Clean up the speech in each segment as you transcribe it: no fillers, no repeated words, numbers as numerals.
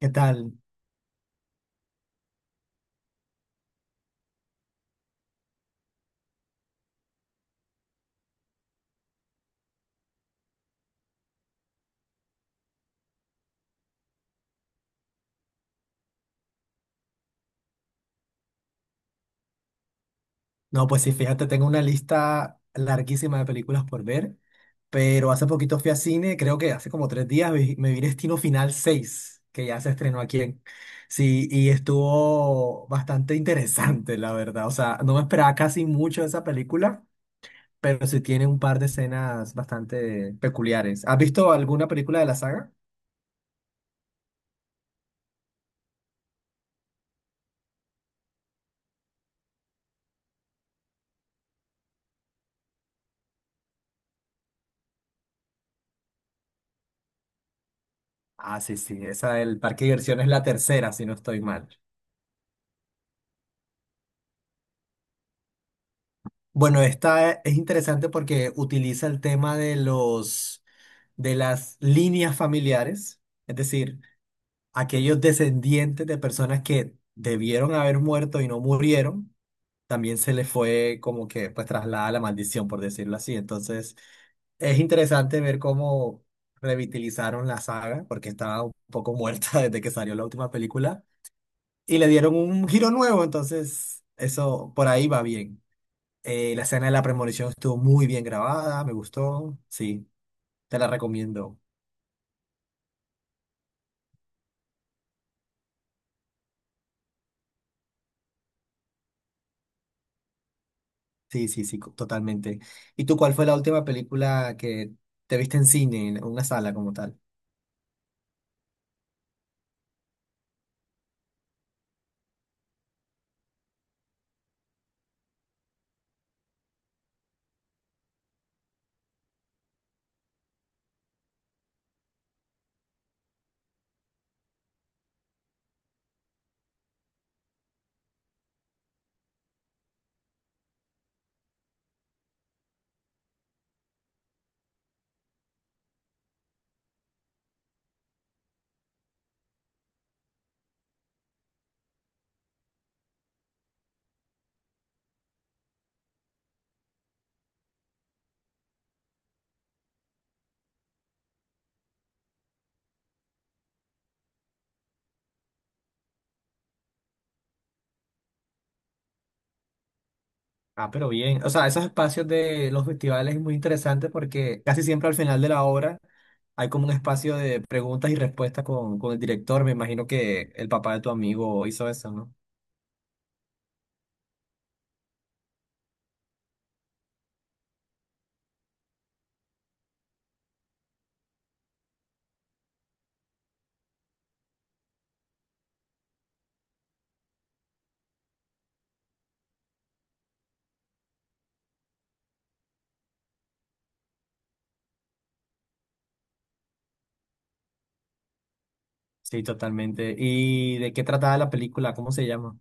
¿Qué tal? No, pues sí, fíjate, tengo una lista larguísima de películas por ver, pero hace poquito fui a cine, creo que hace como 3 días me vi Destino Final seis, que ya se estrenó aquí en... Sí, y estuvo bastante interesante, la verdad. O sea, no me esperaba casi mucho de esa película, pero sí tiene un par de escenas bastante peculiares. ¿Has visto alguna película de la saga? Ah, sí, sí, esa del Parque de Diversiones es la tercera, si no estoy mal. Bueno, esta es interesante porque utiliza el tema de las líneas familiares, es decir, aquellos descendientes de personas que debieron haber muerto y no murieron, también se les fue como que pues traslada la maldición, por decirlo así. Entonces, es interesante ver cómo revitalizaron la saga, porque estaba un poco muerta desde que salió la última película, y le dieron un giro nuevo, entonces eso por ahí va bien. La escena de la premonición estuvo muy bien grabada, me gustó. Sí, te la recomiendo. Sí, sí, sí, totalmente. ¿Y tú cuál fue la última película que te viste en cine, en una sala como tal? Ah, pero bien. O sea, esos espacios de los festivales es muy interesante porque casi siempre al final de la obra hay como un espacio de preguntas y respuestas con el director. Me imagino que el papá de tu amigo hizo eso, ¿no? Sí, totalmente. ¿Y de qué trataba la película? ¿Cómo se llama?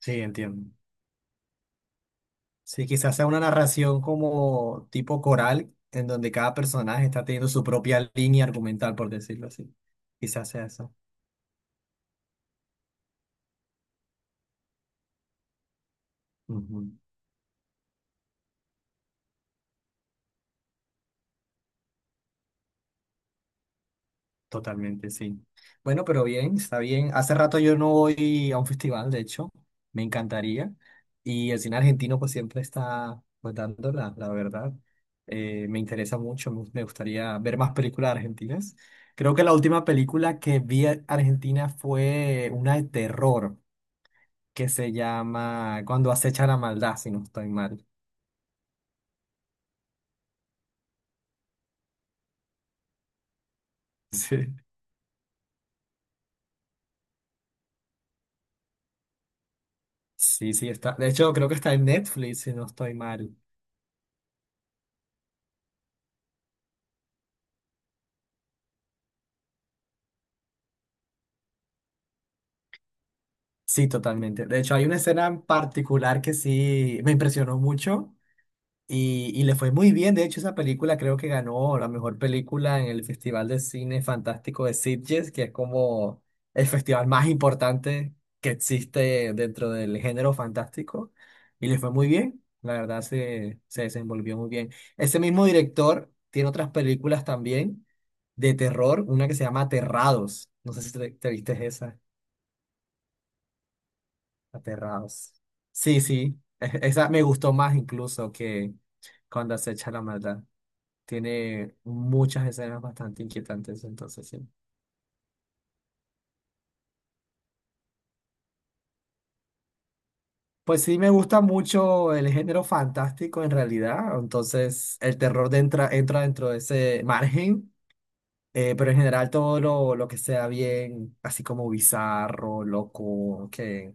Sí, entiendo. Sí, quizás sea una narración como tipo coral, en donde cada personaje está teniendo su propia línea argumental, por decirlo así. Quizás sea eso. Ujú. Totalmente, sí. Bueno, pero bien, está bien. Hace rato yo no voy a un festival, de hecho, me encantaría. Y el cine argentino pues siempre está pues dando la verdad. Me interesa mucho, me gustaría ver más películas argentinas. Creo que la última película que vi argentina fue una de terror, que se llama Cuando acecha la maldad, si no estoy mal. Sí. Sí, sí, está. De hecho, creo que está en Netflix, si no estoy mal. Sí, totalmente. De hecho, hay una escena en particular que sí me impresionó mucho. Y le fue muy bien, de hecho esa película creo que ganó la mejor película en el Festival de Cine Fantástico de Sitges, que es como el festival más importante que existe dentro del género fantástico. Y le fue muy bien, la verdad se desenvolvió muy bien. Ese mismo director tiene otras películas también de terror, una que se llama Aterrados, no sé si te viste esa, Aterrados. Sí, sí, esa me gustó más incluso que Cuando acecha la maldad. Tiene muchas escenas bastante inquietantes, entonces sí. Pues sí, me gusta mucho el género fantástico en realidad, entonces el terror entra dentro de ese margen, pero en general todo lo que sea bien, así como bizarro, loco, que,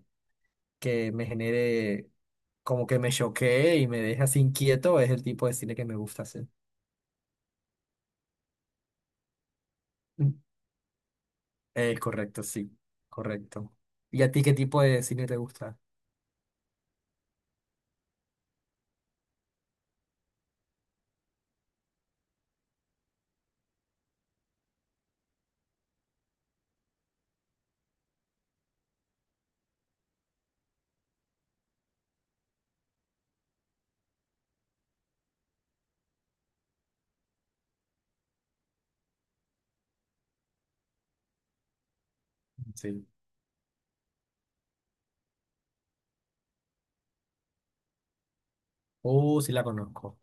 que me genere, como que me choquee y me deje así inquieto, es el tipo de cine que me gusta hacer. Mm. Correcto, sí, correcto. ¿Y a ti qué tipo de cine te gusta? Sí. Oh, sí la conozco.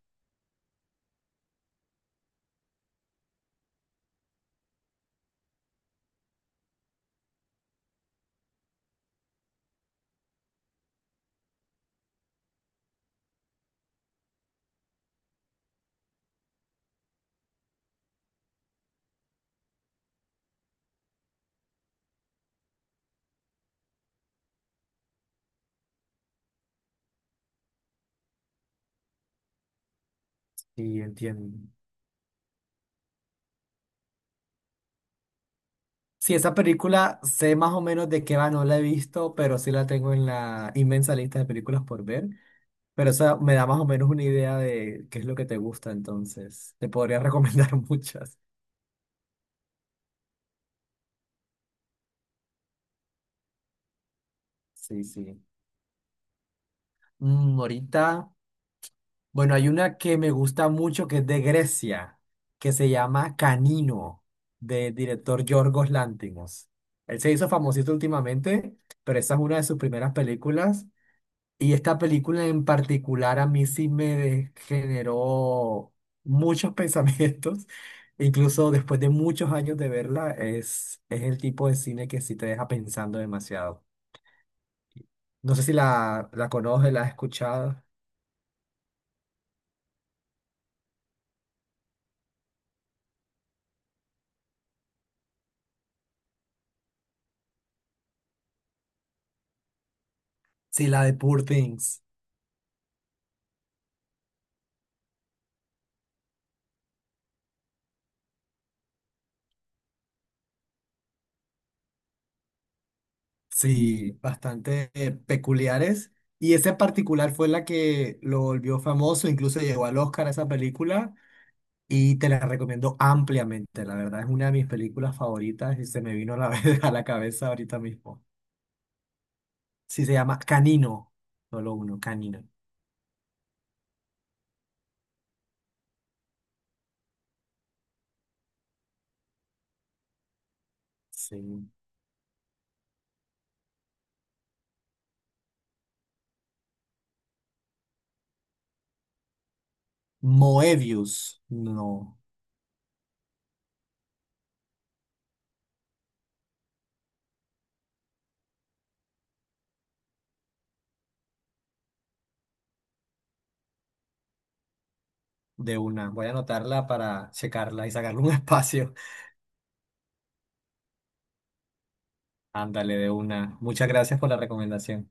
Sí, entiendo. Sí, esa película sé más o menos de qué va, no la he visto, pero sí la tengo en la inmensa lista de películas por ver. Pero eso me da más o menos una idea de qué es lo que te gusta, entonces. Te podría recomendar muchas. Sí, sí. Mm, ahorita, bueno, hay una que me gusta mucho que es de Grecia, que se llama Canino, del director Yorgos Lanthimos. Él se hizo famosito últimamente, pero esa es una de sus primeras películas. Y esta película en particular a mí sí me generó muchos pensamientos, incluso después de muchos años de verla, es el tipo de cine que sí te deja pensando demasiado. No sé si la conoces, la has escuchado. Sí, la de Poor Things. Sí, bastante peculiares. Y esa en particular fue la que lo volvió famoso, incluso llegó al Oscar esa película. Y te la recomiendo ampliamente, la verdad es una de mis películas favoritas y se me vino a la, a la cabeza ahorita mismo. Sí, se llama Canino, solo uno, Canino. Sí. Moebius, no, de una. Voy a anotarla para checarla y sacarle un espacio. Ándale, de una. Muchas gracias por la recomendación.